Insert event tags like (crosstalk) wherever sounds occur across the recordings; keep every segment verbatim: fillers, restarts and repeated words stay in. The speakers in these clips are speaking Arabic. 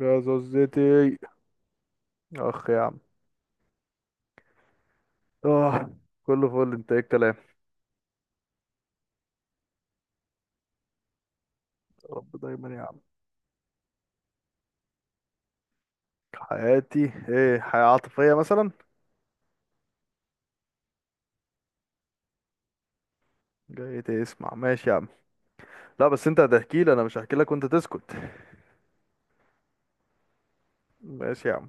يا زوزتي. اخ يا عم. اه، كله فل. انت ايه الكلام؟ يا رب دايما يا عم. حياتي ايه؟ حياة عاطفية مثلا؟ جاي تسمع؟ ماشي يا عم. لا بس انت هتحكي لي، انا مش هحكي لك وانت تسكت. ماشي يا عم.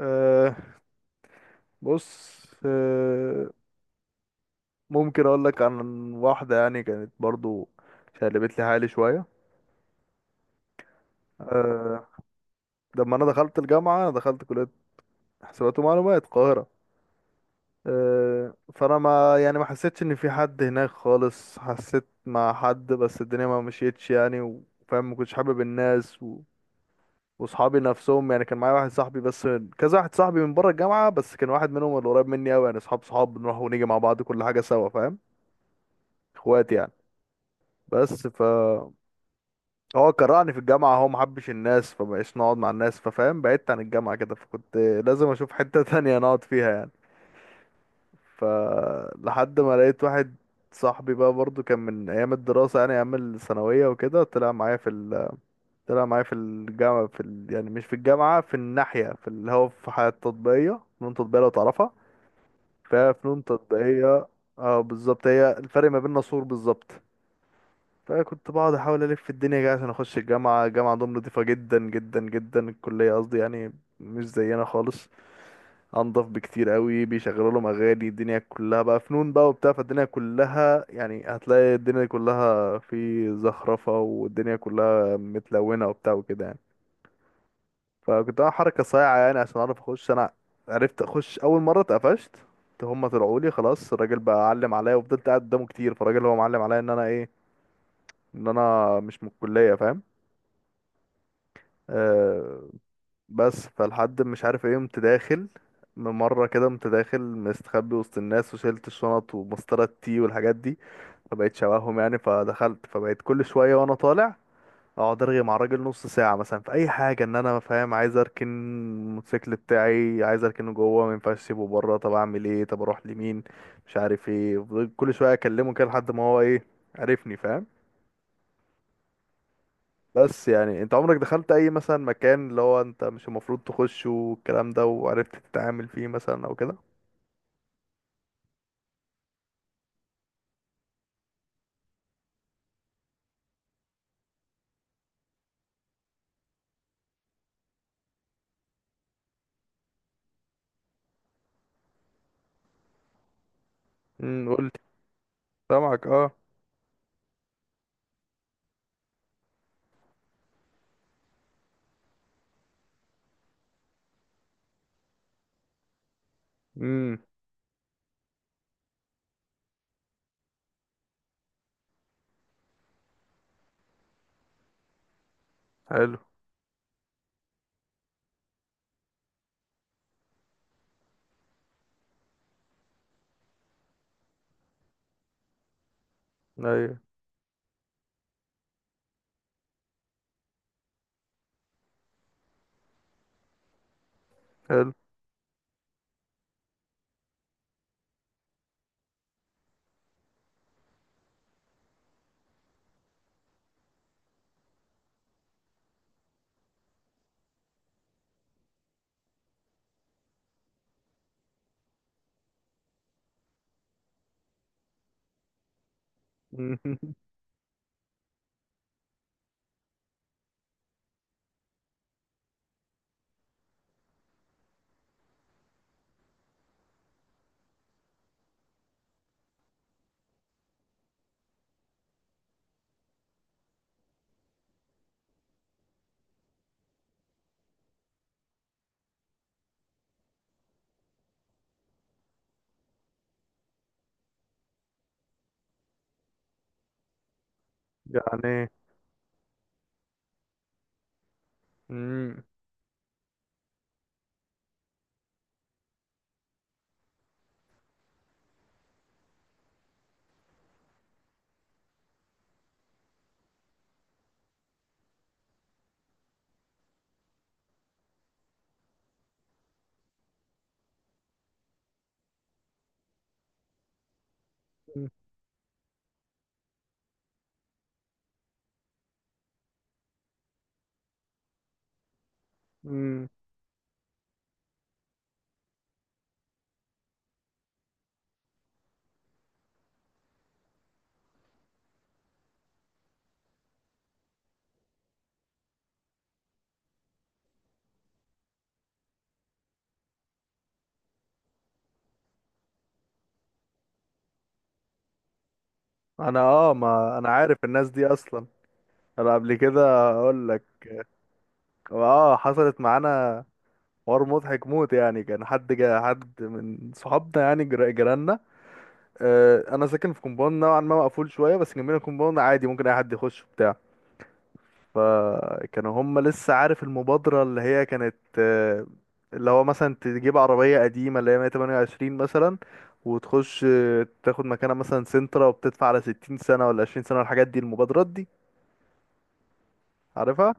أه بص. أه ممكن اقول لك عن واحدة يعني، كانت برضو شقلبت لي حالي شوية. أه لما انا دخلت الجامعة، انا دخلت كلية حسابات ومعلومات القاهرة. آه، فانا ما يعني ما حسيتش ان في حد هناك خالص، حسيت مع حد بس الدنيا ما مشيتش يعني، و- وفاهم، ما كنتش حابب الناس و... واصحابي نفسهم يعني. كان معايا واحد صاحبي بس، كذا واحد صاحبي من بره الجامعه، بس كان واحد منهم اللي قريب مني قوي يعني، اصحاب صحاب، بنروح ونيجي مع بعض كل حاجه سوا فاهم، اخوات يعني. بس ف هو كرهني في الجامعه، هو ما حبش الناس، فمبقاش نقعد مع الناس، ففاهم بعدت عن الجامعه كده، فكنت لازم اشوف حته (laughs) تانية نقعد فيها يعني. فلحد ما لقيت واحد صاحبي بقى برضو، كان من ايام الدراسة يعني ايام الثانوية وكده. طلع معايا في ال... طلع معايا في الجامعة في ال... يعني مش في الجامعة، في الناحية، في اللي هو في حياة تطبيقية، فنون تطبيقية لو تعرفها. فهي فنون تطبيقية. اه بالظبط، هي الفرق ما بيننا سور بالظبط. فكنت بقعد احاول الف في الدنيا كده عشان اخش الجامعة. الجامعة عندهم نضيفة جدا جدا جدا، الكلية قصدي يعني، مش زينا خالص، انضف بكتير قوي. بيشغلوا لهم اغاني، الدنيا كلها بقى فنون بقى وبتاع، فالدنيا كلها يعني هتلاقي الدنيا كلها في زخرفة والدنيا كلها متلونة وبتاع وكده يعني. فكنت عامل حركة صايعة يعني عشان اعرف اخش انا. عرفت اخش. اول مرة اتقفشت، هما طلعوا لي خلاص، الراجل بقى علم عليا، وفضلت قاعد قدامه كتير، فالراجل هو معلم عليا ان انا ايه، ان انا مش من الكلية فاهم. آه، بس فالحد مش عارف ايه، قمت داخل مرة كده، قمت داخل مستخبي وسط الناس وشلت الشنط ومسطرة التي والحاجات دي، فبقيت شبههم يعني. فدخلت، فبقيت كل شوية وانا طالع اقعد ارغي مع الراجل نص ساعة مثلا في اي حاجة، ان انا فاهم عايز اركن الموتوسيكل بتاعي، عايز اركنه جوه، ما ينفعش اسيبه بره، طب اعمل ايه، طب اروح لمين، مش عارف ايه. فضلت كل شوية اكلمه كده لحد ما هو ايه، عرفني فاهم. بس يعني انت عمرك دخلت اي مثلا مكان اللي هو انت مش المفروض تخشه والكلام ده، وعرفت تتعامل فيه مثلا او كده؟ امم قلت. سامعك اه. امم حلو. ايوه. حلو. مم. (laughs) يعني ايه؟ امم امم انا اه، ما انا عارف الناس دي اصلا. انا قبل كده اقول لك، اه حصلت معانا حوار مضحك موت يعني. كان حد جا، حد من صحابنا يعني، جر- جيراننا. آه، انا ساكن في كومباوند نوعا ما مقفول شويه، بس جنبنا كومباوند عادي ممكن اي حد يخش بتاع. فكانوا هم لسه عارف المبادرة اللي هي كانت آه، اللي هو مثلا تجيب عربية قديمة اللي هي مية وتمنية وعشرين مثلا، وتخش آه، تاخد مكانها مثلا سنترا وبتدفع على ستين سنة ولا عشرين سنة والحاجات دي، المبادرات دي عارفها.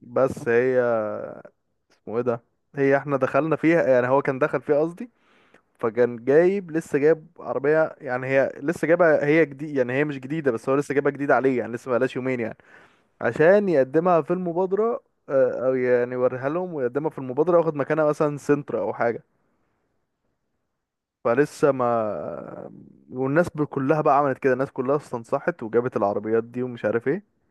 بس هي اسمه ايه ده، هي احنا دخلنا فيها يعني، هو كان دخل فيها قصدي. فكان جايب لسه، جايب عربية يعني، هي لسه جايبها، هي جديد يعني، هي مش جديدة بس هو لسه جايبها جديدة عليه يعني، لسه بقالهاش يومين يعني، عشان يقدمها في المبادرة، آه، او يعني يوريها لهم ويقدمها في المبادرة وياخد مكانها مثلا سنتر او حاجة. فلسه ما، والناس ب- كلها بقى عملت كده، الناس كلها استنصحت وجابت العربيات دي ومش عارف ايه.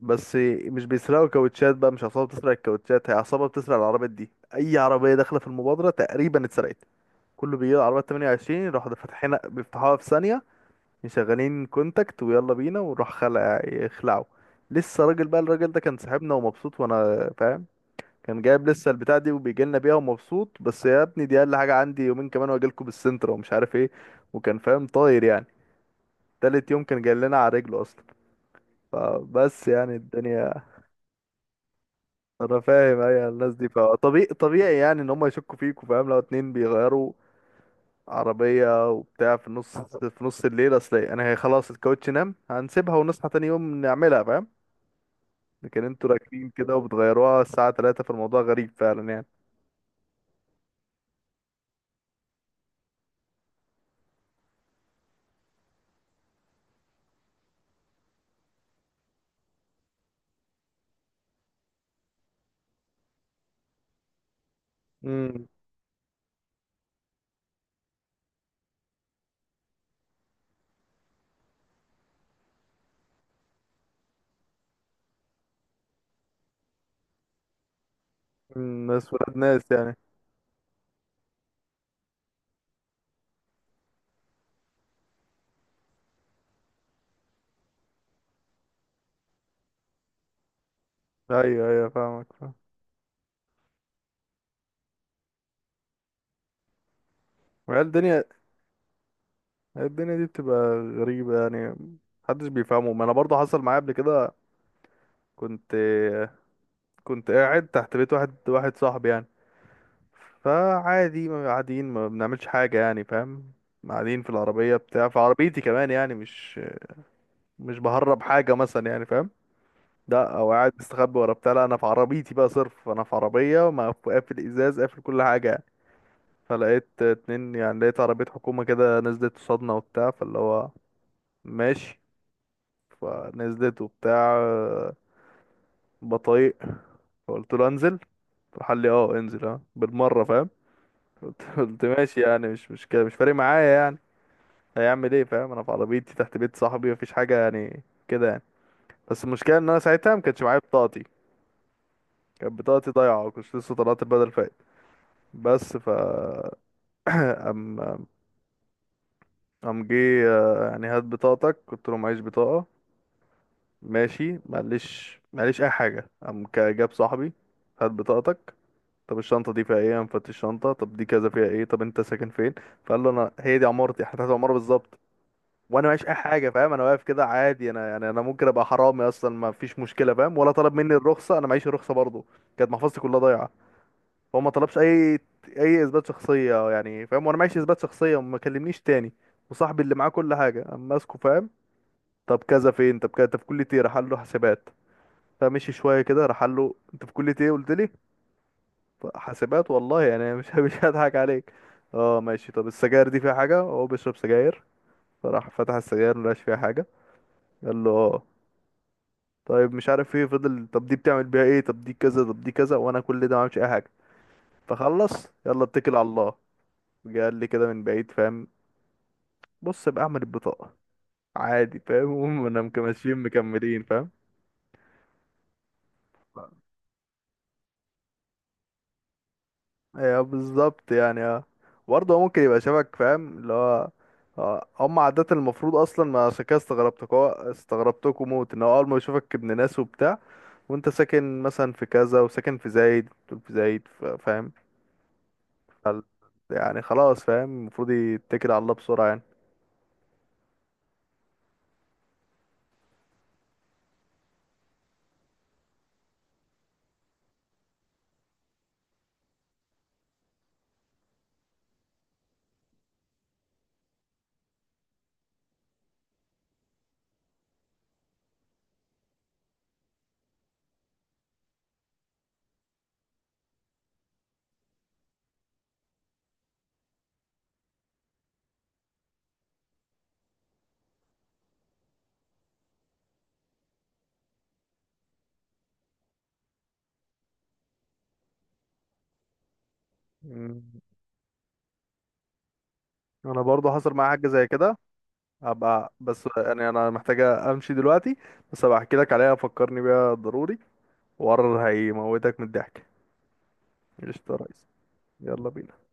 بس مش بيسرقوا كاوتشات بقى، مش عصابة بتسرق الكاوتشات، هي عصابة بتسرق العربيات دي. اي عربية داخلة في المبادرة تقريبا اتسرقت. كله بيجي العربية ثمانية وعشرين يروحوا فاتحين، بيفتحوها في ثانية، مشغلين كونتاكت ويلا بينا ونروح خلع، يخلعوا. لسه راجل بقى، الراجل ده كان صاحبنا ومبسوط وانا فاهم، كان جايب لسه البتاع دي وبيجي لنا بيها ومبسوط، بس يا ابني دي اقل حاجه عندي يومين كمان واجي لكم بالسنتر ومش عارف ايه، وكان فاهم طاير يعني. تالت يوم كان جاي لنا على رجله اصلا. فبس يعني الدنيا، انا فاهم اي الناس دي، فطبيعي طبيعي يعني ان هم يشكوا فيك، وفاهم لو اتنين بيغيروا عربيه وبتاع في النص، في نص الليل، اصل انا هي خلاص الكاوتش نام هنسيبها ونصحى تاني يوم نعملها فاهم، لكن انتوا راكبين كده وبتغيروها الساعه ثلاثة، فالموضوع غريب فعلا يعني. امم ناس ولاد ناس يعني. ايوه ايوه فاهمك فاهم. هي الدنيا هي الدنيا دي بتبقى غريبة يعني، محدش بيفهمه. ما انا برضه حصل معايا قبل كده. كنت كنت قاعد تحت بيت واحد، واحد صاحبي يعني. فعادي ما قاعدين، ما بنعملش حاجة يعني فاهم، قاعدين في العربية بتاع، في عربيتي كمان يعني. مش مش بهرب حاجة مثلا يعني فاهم، لا او قاعد مستخبي ورا بتاع، لا انا في عربيتي بقى صرف، انا في عربية وما- قافل ازاز، قافل كل حاجة يعني. فلقيت اتنين يعني، لقيت عربية حكومة كده نزلت قصادنا وبتاع، فاللي هو ماشي. فنزلت وبتاع، آه، بطايق. فقلت له انزل، راح قال لي اه انزل اه بالمره فاهم. قلت قلت ماشي يعني، مش مش كده، مش فارق معايا يعني، هيعمل ايه فاهم، انا في عربيتي تحت بيت صاحبي، مفيش حاجه يعني كده يعني. بس المشكله ان انا ساعتها ما كانش معايا بطاقتي، كانت بطاقتي ضايعه وكنت لسه طلعت البدل فايت. بس ف ام ام جه آه، يعني هات بطاقتك، قلت له معيش بطاقه. ماشي معلش معلش اي حاجه. قام جاب صاحبي، هات بطاقتك. طب الشنطة دي فيها ايه؟ أنا مفتش الشنطة. طب دي كذا فيها ايه؟ طب انت ساكن فين؟ فقال له انا هي دي عمارتي، احنا تحت العمارة بالظبط، وانا معيش اي حاجة فاهم، انا واقف كده عادي، انا يعني انا ممكن ابقى حرامي اصلا، ما فيش مشكلة فاهم. ولا طلب مني الرخصة، انا معيش الرخصة برضه، كانت محفظتي كلها ضايعة. فهو ما طلبش اي اي اثبات شخصية يعني فاهم، وانا معيش اثبات شخصية وما كلمنيش تاني، وصاحبي اللي معاه كل حاجة اما ماسكه فاهم. طب كذا فين، طب كذا، انت في كلية ايه؟ راح قال له حسابات. فمشي شوية كده، راح قال له انت في كلية ايه؟ قلت لي حاسبات والله يعني، مش (laughs) مش هضحك عليك. اه ماشي. طب السجاير دي فيها حاجة؟ هو بيشرب سجاير. فراح فتح السجاير، ملقاش فيها حاجة. قال له اه، طيب مش عارف ايه، فضل طب دي بتعمل بيها ايه، طب دي كذا، طب دي كذا، وانا كل ده ما عملتش اي حاجة. فخلص، يلا اتكل على الله. جه قال لي كده من بعيد فاهم، بص بقى اعمل البطاقة عادي فاهم. (laughs) هم انا ماشيين مكملين فاهم. ايوه بالظبط يعني اه. برضه هو ممكن يبقى شبك فاهم اللي هو، اه، هم عادة المفروض اصلا ما، عشان كده استغربتك، هو استغربتكوا موت ان هو اول ما يشوفك ابن ناس وبتاع، وانت ساكن مثلا في كذا وساكن في زايد، دول في زايد ف- فاهم فال- يعني خلاص فاهم المفروض يتكل على الله بسرعة يعني. مم. انا برضه حصل معايا حاجة زي كده. هبقى بس، يعني انا محتاجة امشي دلوقتي، بس هبقى احكي لك عليها، فكرني بيها ضروري، وقرر هيموتك من الضحك. قشطة يا ريس. يلا بينا.